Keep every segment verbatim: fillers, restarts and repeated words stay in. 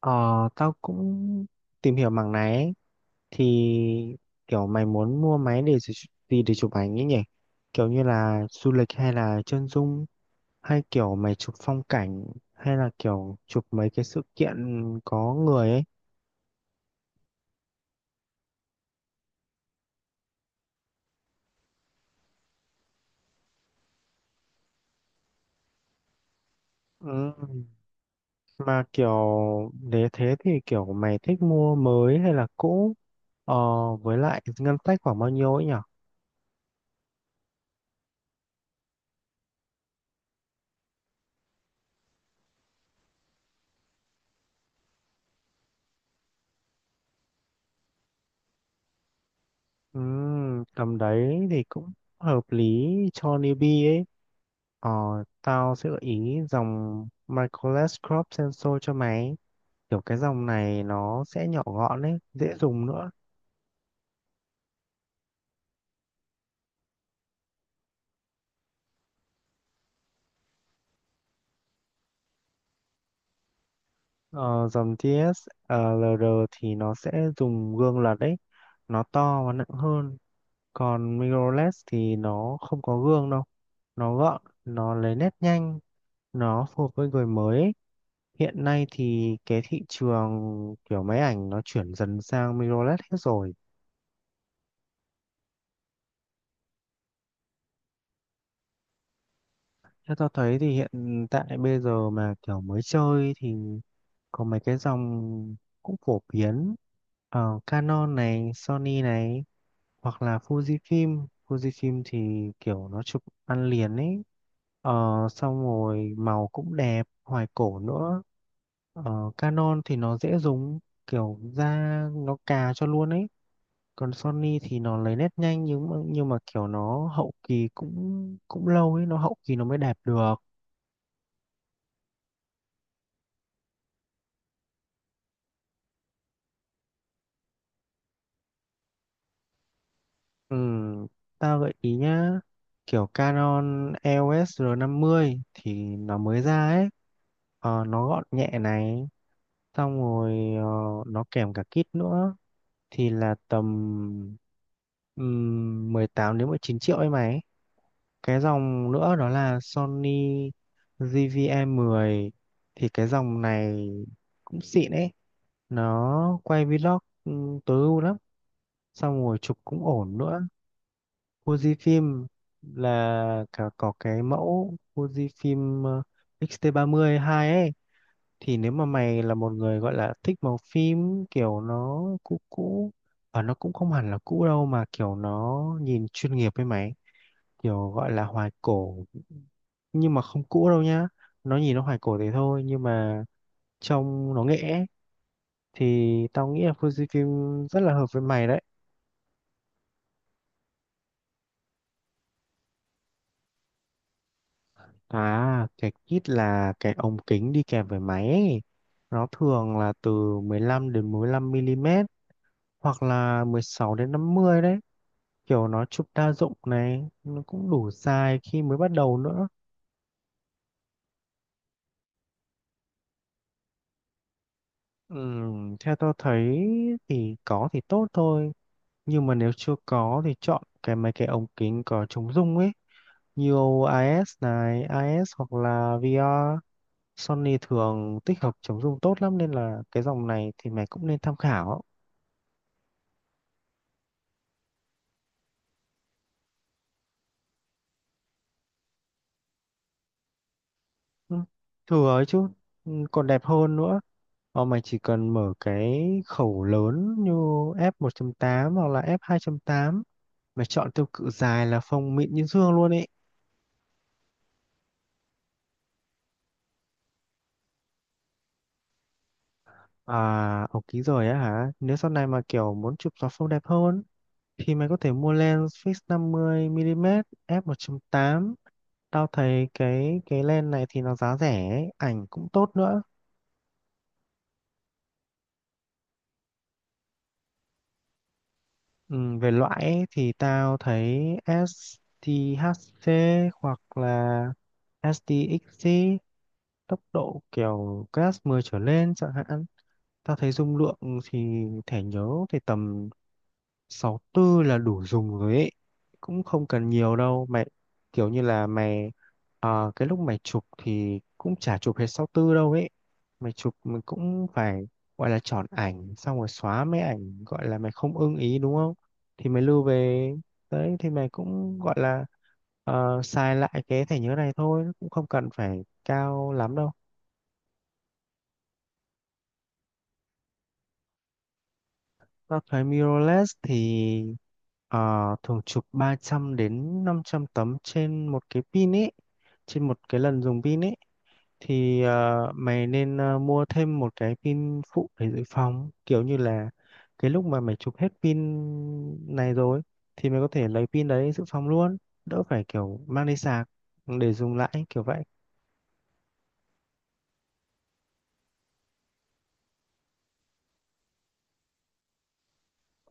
Ờ, tao cũng tìm hiểu mảng này ấy. Thì kiểu mày muốn mua máy để gì gì để chụp ảnh ấy nhỉ? Kiểu như là du lịch hay là chân dung hay kiểu mày chụp phong cảnh hay là kiểu chụp mấy cái sự kiện có người ấy. Ừ. Mà kiểu nếu thế thì kiểu mày thích mua mới hay là cũ? Ờ, với lại ngân sách khoảng bao nhiêu ấy nhỉ? Ừ, tầm đấy thì cũng hợp lý cho newbie ấy. Ờ, tao sẽ gợi ý dòng Microless Crop Sensor cho mày. Kiểu cái dòng này nó sẽ nhỏ gọn ấy, dễ dùng nữa. Ờ, dòng tê ét lờ rờ thì nó sẽ dùng gương lật đấy, nó to và nặng hơn. Còn Microless thì nó không có gương đâu, nó gọn, nó lấy nét nhanh, nó phù hợp với người mới ấy. Hiện nay thì cái thị trường kiểu máy ảnh nó chuyển dần sang mirrorless hết rồi. Theo tao thấy thì hiện tại bây giờ mà kiểu mới chơi thì có mấy cái dòng cũng phổ biến ở Canon này, Sony này hoặc là Fujifilm. Fujifilm thì kiểu nó chụp ăn liền ấy. Ờ, xong rồi màu cũng đẹp, hoài cổ nữa. Ờ, Canon thì nó dễ dùng, kiểu ra nó cà cho luôn ấy. Còn Sony thì nó lấy nét nhanh nhưng mà, nhưng mà kiểu nó hậu kỳ cũng cũng lâu ấy, nó hậu kỳ nó mới đẹp được. Ừ, tao gợi ý nhá, kiểu Canon e o s rờ năm mươi thì nó mới ra ấy. Ờ, nó gọn nhẹ này, xong rồi ờ, nó kèm cả kit nữa thì là tầm um, mười tám đến mười chín triệu ấy mày. Cái dòng nữa đó là Sony giê vê e mười thì cái dòng này cũng xịn ấy, nó quay vlog ừ, tối ưu lắm, xong rồi chụp cũng ổn nữa. Fujifilm là cả có cái mẫu Fujifilm ờ, X-tê ba mươi hai ấy thì nếu mà mày là một người gọi là thích màu phim kiểu nó cũ cũ và nó cũng không hẳn là cũ đâu mà kiểu nó nhìn chuyên nghiệp với mày, kiểu gọi là hoài cổ nhưng mà không cũ đâu nhá, nó nhìn nó hoài cổ thế thôi nhưng mà trông nó nghệ ấy, thì tao nghĩ là Fujifilm rất là hợp với mày đấy. À, cái kit là cái ống kính đi kèm với máy ấy. Nó thường là từ mười lăm đến mười lăm mi li mét hoặc là mười sáu đến năm mươi đấy. Kiểu nó chụp đa dụng này, nó cũng đủ dài khi mới bắt đầu nữa. Ừm, theo tôi thấy thì có thì tốt thôi. Nhưng mà nếu chưa có thì chọn cái mấy cái ống kính có chống rung ấy. Như i ét này, i ét hoặc là vê rờ. Sony thường tích hợp chống rung tốt lắm nên là cái dòng này thì mày cũng nên tham khảo. Ừ, thừa ấy chứ, ừ, còn đẹp hơn nữa, mà mày chỉ cần mở cái khẩu lớn như ép một chấm tám hoặc là ép hai chấm tám, mày chọn tiêu cự dài là phông mịn như dương luôn ấy. À, ống kính rồi á hả, nếu sau này mà kiểu muốn chụp gió phông đẹp hơn thì mày có thể mua lens fix năm mươi mi li mét ép một chấm tám. Tao thấy cái cái lens này thì nó giá rẻ ấy, ảnh cũng tốt nữa. Ừ, về loại ấy, thì tao thấy ét tê hát xê hoặc là ét tê ích xê, tốc độ kiểu class mười trở lên chẳng hạn. Tao thấy dung lượng thì thẻ nhớ thì tầm sáu tư là đủ dùng rồi ấy, cũng không cần nhiều đâu mày, kiểu như là mày ờ, cái lúc mày chụp thì cũng chả chụp hết sáu tư đâu ấy. Mày chụp mình cũng phải, gọi là, chọn ảnh xong rồi xóa mấy ảnh gọi là mày không ưng ý đúng không, thì mày lưu về đấy, thì mày cũng gọi là, ờ, xài lại cái thẻ nhớ này thôi, cũng không cần phải cao lắm đâu. Tao thấy mirrorless thì ờ, thường chụp ba trăm đến năm trăm tấm trên một cái pin ấy, trên một cái lần dùng pin ấy, thì ờ, mày nên ờ, mua thêm một cái pin phụ để dự phòng, kiểu như là cái lúc mà mày chụp hết pin này rồi thì mày có thể lấy pin đấy dự phòng luôn, đỡ phải kiểu mang đi sạc để dùng lại kiểu vậy.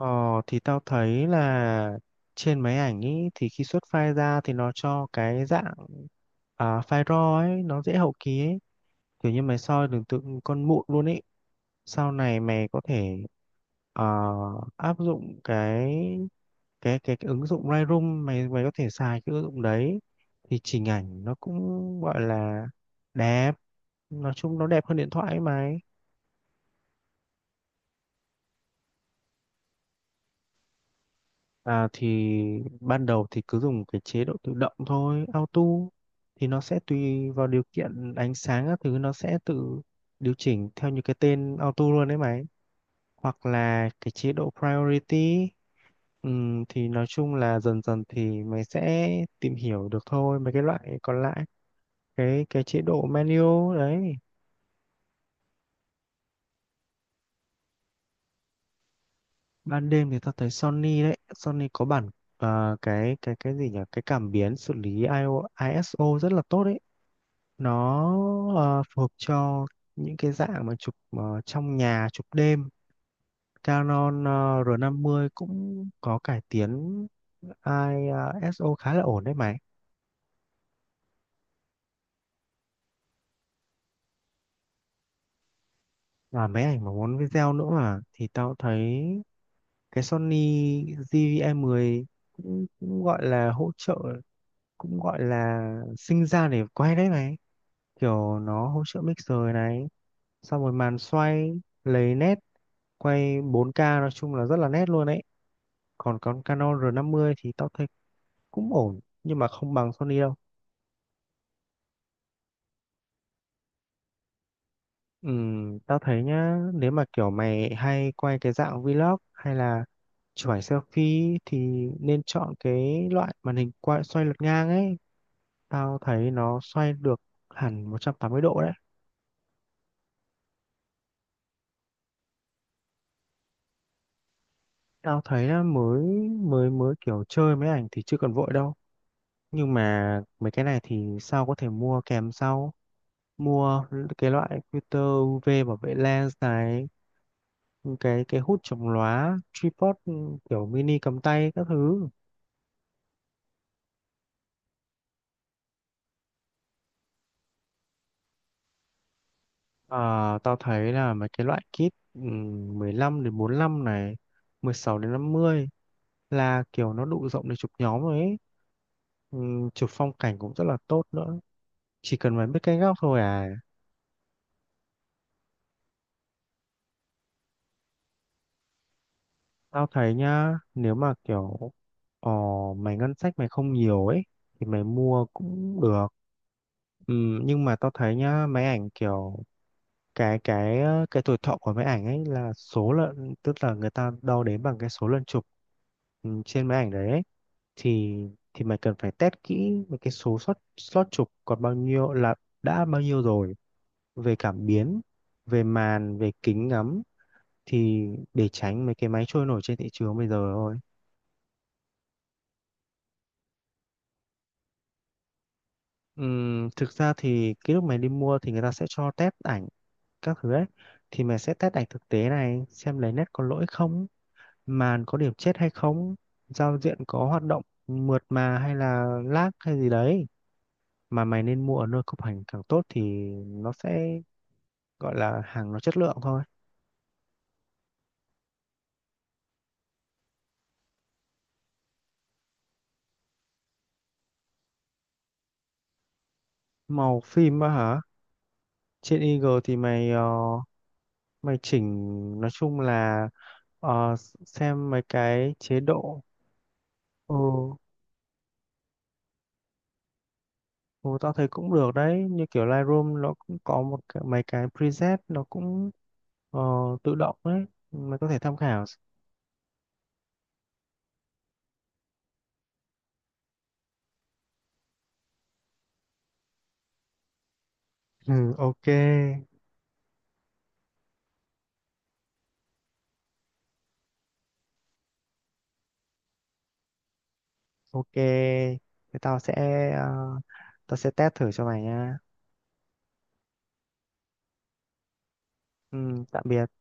Ờ, thì tao thấy là trên máy ảnh ý, thì khi xuất file ra thì nó cho cái dạng, à, file rao ấy, nó dễ hậu kỳ ấy, kiểu như mày soi được tượng con mụn luôn ấy. Sau này mày có thể ờ, áp dụng cái, cái cái cái ứng dụng Lightroom, mày mày có thể xài cái ứng dụng đấy thì chỉnh ảnh nó cũng gọi là đẹp, nói chung nó đẹp hơn điện thoại ấy mà. À, thì ban đầu thì cứ dùng cái chế độ tự động thôi, auto, thì nó sẽ tùy vào điều kiện ánh sáng các thứ, nó sẽ tự điều chỉnh theo như cái tên auto luôn đấy mày. Hoặc là cái chế độ priority, ừm, thì nói chung là dần dần thì mày sẽ tìm hiểu được thôi mấy cái loại còn lại. Cái cái chế độ manual đấy. Ban đêm thì tao thấy Sony đấy, Sony có bản, à, cái cái cái gì nhỉ? Cái cảm biến xử lý i ô i ét ô rất là tốt đấy. Nó ờ, phù hợp cho những cái dạng mà chụp ờ, trong nhà chụp đêm. Canon ờ, rờ năm mươi cũng có cải tiến i sô khá là ổn đấy mày. Và máy ảnh mà muốn video nữa mà thì tao thấy cái Sony giê vê-e mười cũng, cũng gọi là hỗ trợ, cũng gọi là sinh ra để quay đấy mày, kiểu nó hỗ trợ mixer này, xong rồi màn xoay lấy nét, quay bốn ca, nói chung là rất là nét luôn đấy. Còn con Canon rờ năm mươi thì tao thấy cũng ổn nhưng mà không bằng Sony đâu. Ừm, tao thấy nhá, nếu mà kiểu mày hay quay cái dạng vlog hay là chụp ảnh selfie thì nên chọn cái loại màn hình quay xoay lật ngang ấy, tao thấy nó xoay được hẳn một trăm tám mươi độ đấy. Tao thấy là mới mới mới kiểu chơi mấy ảnh thì chưa cần vội đâu, nhưng mà mấy cái này thì sao có thể mua kèm sau. Mua cái loại filter u vê bảo vệ lens này, cái cái hút chống lóa, tripod, ừ, kiểu mini cầm tay các thứ. Ờ, tao thấy là mấy cái loại kit, ừm, mười lăm đến bốn lăm này, mười sáu đến năm mươi, là kiểu nó đủ rộng để chụp nhóm rồi ấy. Ừm, chụp phong cảnh cũng rất là tốt nữa, chỉ cần mày biết cái góc thôi à. Tao thấy nhá, nếu mà kiểu ờ, mày ngân sách mày không nhiều ấy thì mày mua cũng được. Ừm, nhưng mà tao thấy nhá, máy ảnh kiểu cái cái ờ, cái tuổi thọ của máy ảnh ấy là số lần, tức là người ta đo đếm bằng cái số lần chụp, ừ, trên máy ảnh đấy ấy. thì thì mày cần phải test kỹ về cái số slot slot chụp còn bao nhiêu, là đã bao nhiêu rồi, về cảm biến, về màn, về kính ngắm, thì để tránh mấy cái máy trôi nổi trên thị trường bây giờ thôi. Ừm, thực ra thì cái lúc mày đi mua thì người ta sẽ cho test ảnh các thứ ấy, thì mày sẽ test ảnh thực tế này, xem lấy nét có lỗi không, màn có điểm chết hay không, giao diện có hoạt động mượt mà hay là lag hay gì đấy. Mà mày nên mua ở nơi cục ảnh càng tốt thì nó sẽ, gọi là, hàng nó chất lượng thôi. Màu phim á hả, trên Eagle thì mày ờ, mày chỉnh, nói chung là ờ, xem mấy cái chế độ. ừ, ừ, tao thấy cũng được đấy, như kiểu Lightroom nó cũng có một cái, mấy cái preset nó cũng ờ, tự động đấy, mày có thể tham khảo. Ừ, ok. Ok, thế tao sẽ, ờ, tao sẽ test thử cho mày nha. Ừ, tạm biệt.